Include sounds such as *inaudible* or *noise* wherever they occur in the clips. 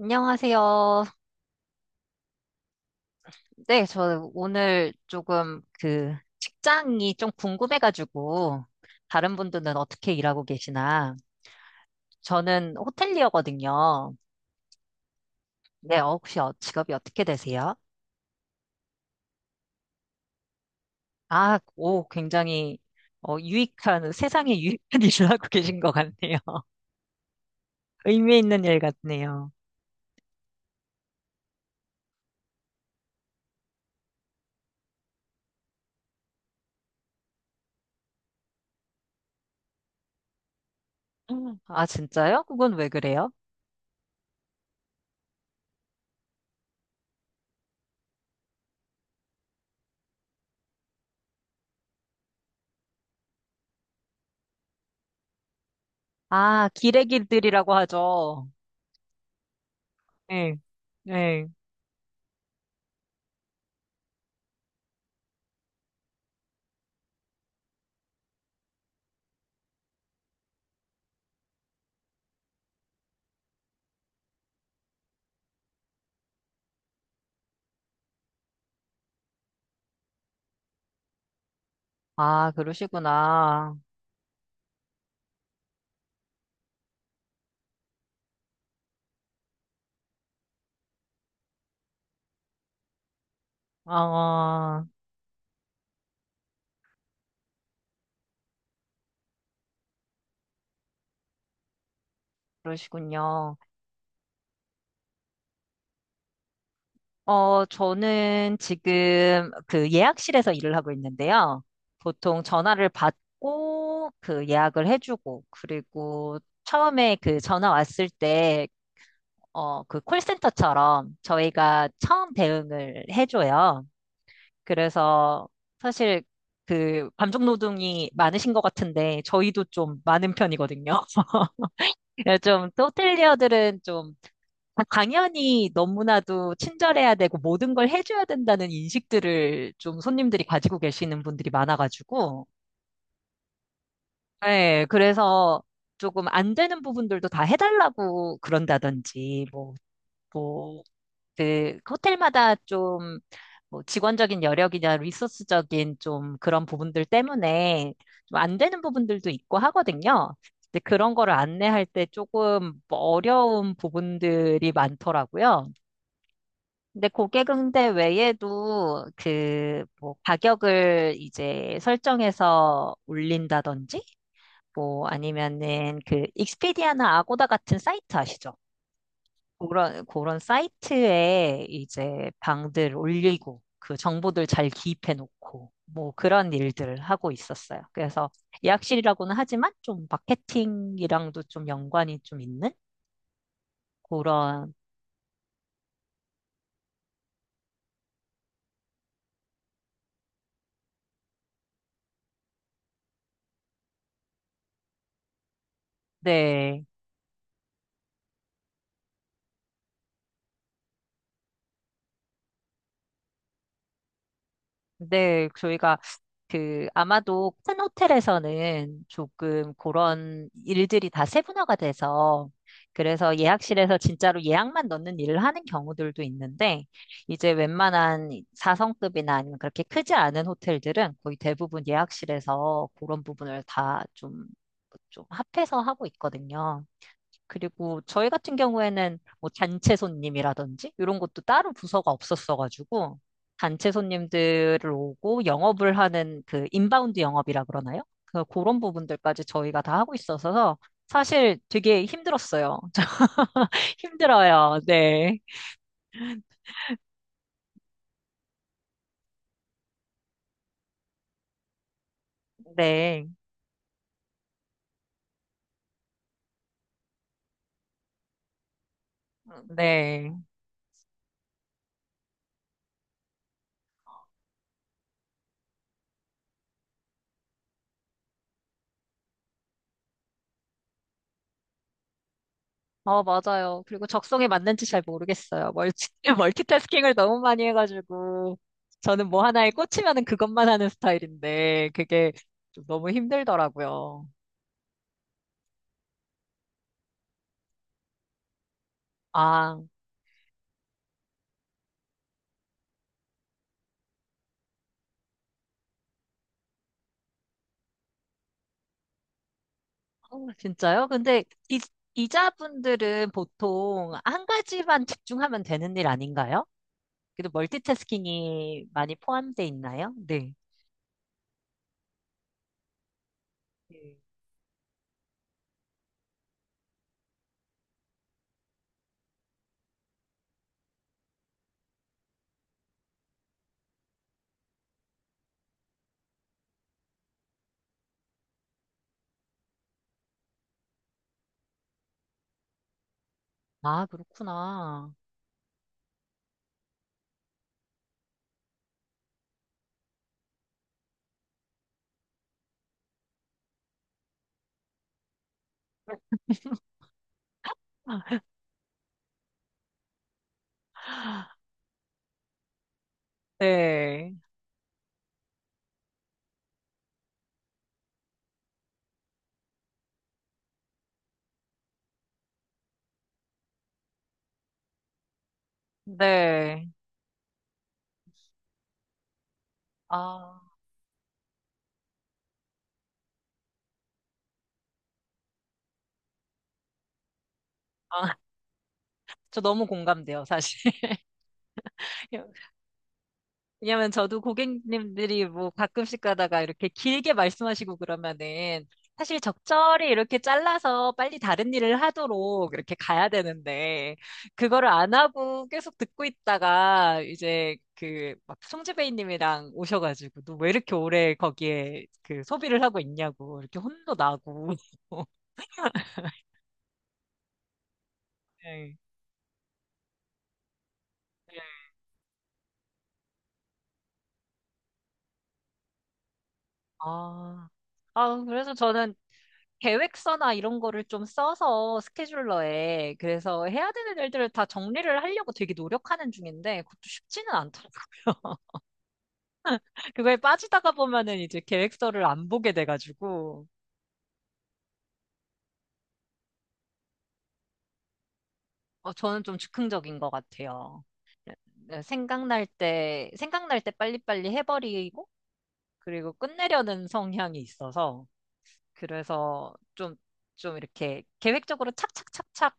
안녕하세요. 네, 저 오늘 조금 그 직장이 좀 궁금해가지고 다른 분들은 어떻게 일하고 계시나? 저는 호텔리어거든요. 네, 혹시 직업이 어떻게 되세요? 아, 오, 굉장히 유익한, 세상에 유익한 *laughs* 일을 하고 계신 것 같네요. *laughs* 의미 있는 일 같네요. 음. 아, 진짜요? 그건 왜 그래요? 아, 기레기들이라고 하죠. 네, 네. 아, 그러시구나. 아, 그러시군요. 저는 지금 그 예약실에서 일을 하고 있는데요. 보통 전화를 받고 그 예약을 해주고, 그리고 처음에 그 전화 왔을 때, 그 콜센터처럼 저희가 처음 대응을 해줘요. 그래서 사실 그 감정노동이 많으신 것 같은데, 저희도 좀 많은 편이거든요. *laughs* 좀, 호텔리어들은 좀 당연히 너무나도 친절해야 되고 모든 걸 해줘야 된다는 인식들을 좀 손님들이 가지고 계시는 분들이 많아가지고, 네 그래서 조금 안 되는 부분들도 다 해달라고 그런다든지, 뭐, 뭐, 그, 호텔마다 좀, 뭐, 직원적인 여력이나 리소스적인 좀 그런 부분들 때문에 좀 안 되는 부분들도 있고 하거든요. 근데 그런 거를 안내할 때 조금 어려운 부분들이 많더라고요. 근데 고객응대 외에도 그 뭐 가격을 이제 설정해서 올린다든지 뭐 아니면은 그 익스피디아나 아고다 같은 사이트 아시죠? 그런 사이트에 이제 방들 올리고 그 정보들 잘 기입해 놓고 뭐 그런 일들을 하고 있었어요. 그래서 예약실이라고는 하지만 좀 마케팅이랑도 좀 연관이 좀 있는 그런. 네. 네, 저희가 그 아마도 큰 호텔에서는 조금 그런 일들이 다 세분화가 돼서 그래서 예약실에서 진짜로 예약만 넣는 일을 하는 경우들도 있는데 이제 웬만한 4성급이나 아니면 그렇게 크지 않은 호텔들은 거의 대부분 예약실에서 그런 부분을 다 좀 합해서 하고 있거든요. 그리고 저희 같은 경우에는 뭐 단체 손님이라든지 이런 것도 따로 부서가 없었어가지고 단체 손님들을 오고 영업을 하는 그 인바운드 영업이라 그러나요? 그런 부분들까지 저희가 다 하고 있어서 사실 되게 힘들었어요. *laughs* 힘들어요. 네. 네. 네. 어, 맞아요. 그리고 적성에 맞는지 잘 모르겠어요. *laughs* 멀티태스킹을 너무 많이 해가지고 저는 뭐 하나에 꽂히면은 그것만 하는 스타일인데 그게 좀 너무 힘들더라고요. 아. 어, 진짜요? 근데 이, 이자분들은 보통 한 가지만 집중하면 되는 일 아닌가요? 그래도 멀티태스킹이 많이 포함돼 있나요? 네. 아, 그렇구나. 네. 네. 아, 아, 저 너무 공감돼요, 사실. *laughs* 왜냐면 저도 고객님들이 뭐 가끔씩 가다가 이렇게 길게 말씀하시고 그러면은 사실 적절히 이렇게 잘라서 빨리 다른 일을 하도록 이렇게 가야 되는데 그거를 안 하고 계속 듣고 있다가 이제 그 막 송지배이님이랑 오셔가지고 너 왜 이렇게 오래 거기에 그 소비를 하고 있냐고 이렇게 혼도 나고. *laughs* 네. 네. 아, 그래서 저는 계획서나 이런 거를 좀 써서 스케줄러에 그래서 해야 되는 일들을 다 정리를 하려고 되게 노력하는 중인데 그것도 쉽지는 않더라고요. *laughs* 그거에 빠지다가 보면은 이제 계획서를 안 보게 돼가지고. 어, 저는 좀 즉흥적인 것 같아요. 네, 생각날 때 생각날 때 빨리빨리 해버리고 그리고 끝내려는 성향이 있어서 그래서 좀 이렇게 계획적으로 착착착착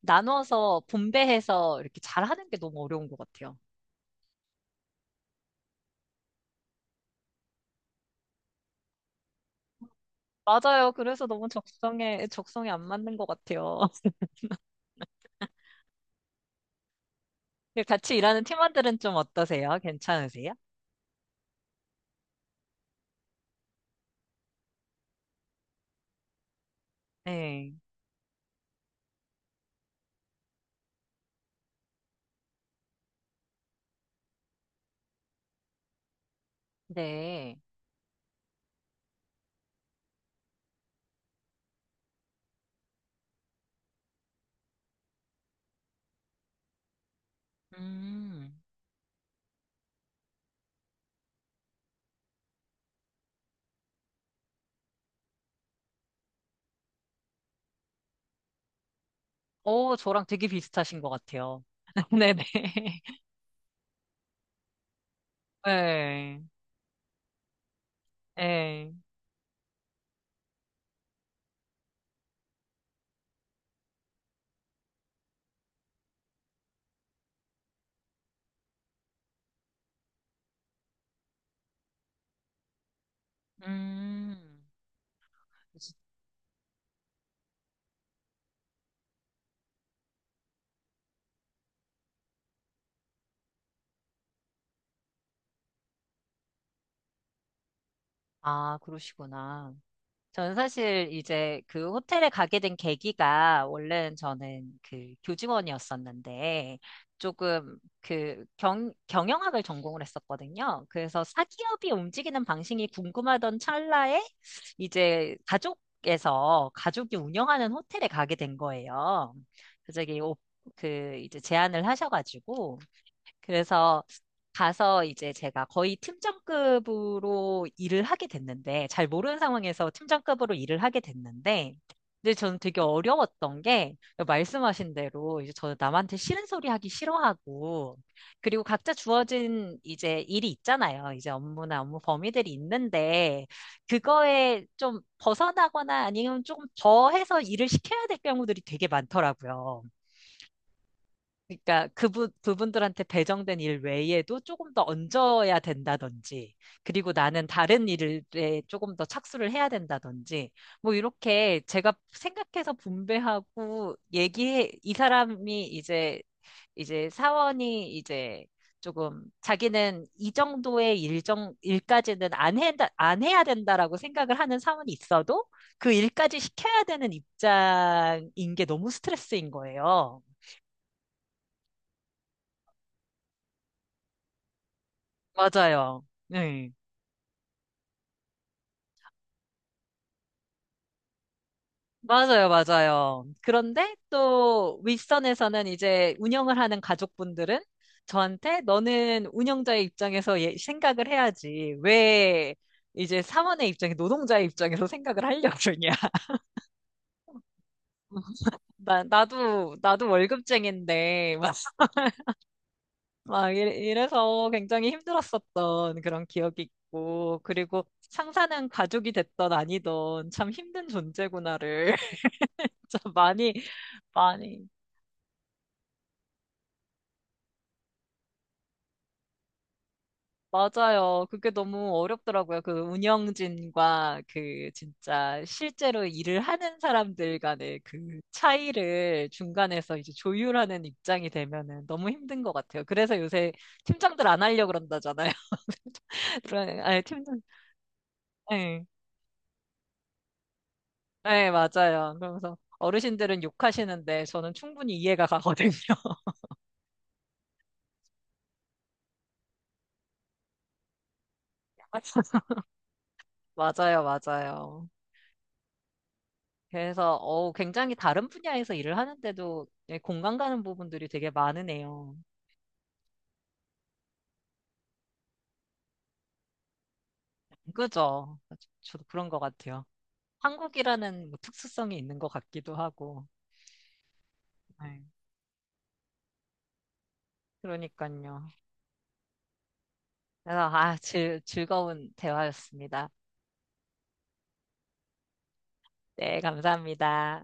나눠서 분배해서 이렇게 잘하는 게 너무 어려운 것 같아요. 맞아요. 그래서 너무 적성에 안 맞는 것 같아요. *laughs* 같이 일하는 팀원들은 좀 어떠세요? 괜찮으세요? 네. 네. 음. 오, 저랑 되게 비슷하신 것 같아요. *laughs* 네네. *laughs* 네. 네. 음. 아, 그러시구나. 저는 사실 이제 그 호텔에 가게 된 계기가 원래는 저는 그 교직원이었었는데 조금 경영학을 전공을 했었거든요. 그래서 사기업이 움직이는 방식이 궁금하던 찰나에 이제 가족에서 가족이 운영하는 호텔에 가게 된 거예요. 갑자기 오- 그 이제 제안을 하셔가지고 그래서 가서 이제 제가 거의 팀장급으로 일을 하게 됐는데, 잘 모르는 상황에서 팀장급으로 일을 하게 됐는데, 근데 저는 되게 어려웠던 게, 말씀하신 대로 이제 저는 남한테 싫은 소리 하기 싫어하고, 그리고 각자 주어진 이제 일이 있잖아요. 이제 업무나 업무 범위들이 있는데, 그거에 좀 벗어나거나 아니면 조금 더해서 일을 시켜야 될 경우들이 되게 많더라고요. 그러니까 그분 부분들한테 배정된 일 외에도 조금 더 얹어야 된다든지, 그리고 나는 다른 일에 조금 더 착수를 해야 된다든지, 뭐 이렇게 제가 생각해서 분배하고 얘기해 이 사람이 이제 이제 사원이 이제 조금 자기는 이 정도의 일정 일까지는 안 해야 된다라고 생각을 하는 사원이 있어도 그 일까지 시켜야 되는 입장인 게 너무 스트레스인 거예요. 맞아요. 네. 맞아요, 맞아요. 그런데 또 윗선에서는 이제 운영을 하는 가족분들은 저한테 너는 운영자의 입장에서 생각을 해야지. 왜 이제 사원의 입장에 노동자의 입장에서 생각을 하려고 그러냐. *laughs* 나도 월급쟁인데, 이래서 굉장히 힘들었었던 그런 기억이 있고, 그리고 상사는 가족이 됐던 아니던 참 힘든 존재구나를 진짜 *laughs* 많이, 많이. 맞아요. 그게 너무 어렵더라고요. 그 운영진과 그 진짜 실제로 일을 하는 사람들 간의 그 차이를 중간에서 이제 조율하는 입장이 되면은 너무 힘든 것 같아요. 그래서 요새 팀장들 안 하려고 그런다잖아요. *laughs* 그런, 아니, 팀장, 예, 예, 맞아요. 그러면서 어르신들은 욕하시는데 저는 충분히 이해가 가거든요. *laughs* 맞아요, 맞아요. 그래서 어, 굉장히 다른 분야에서 일을 하는데도 예, 공감 가는 부분들이 되게 많으네요. 그죠? 저도 그런 것 같아요. 한국이라는 뭐 특수성이 있는 것 같기도 하고. 네, 그러니까요. 그래서 아, 즐거운 대화였습니다. 네, 감사합니다.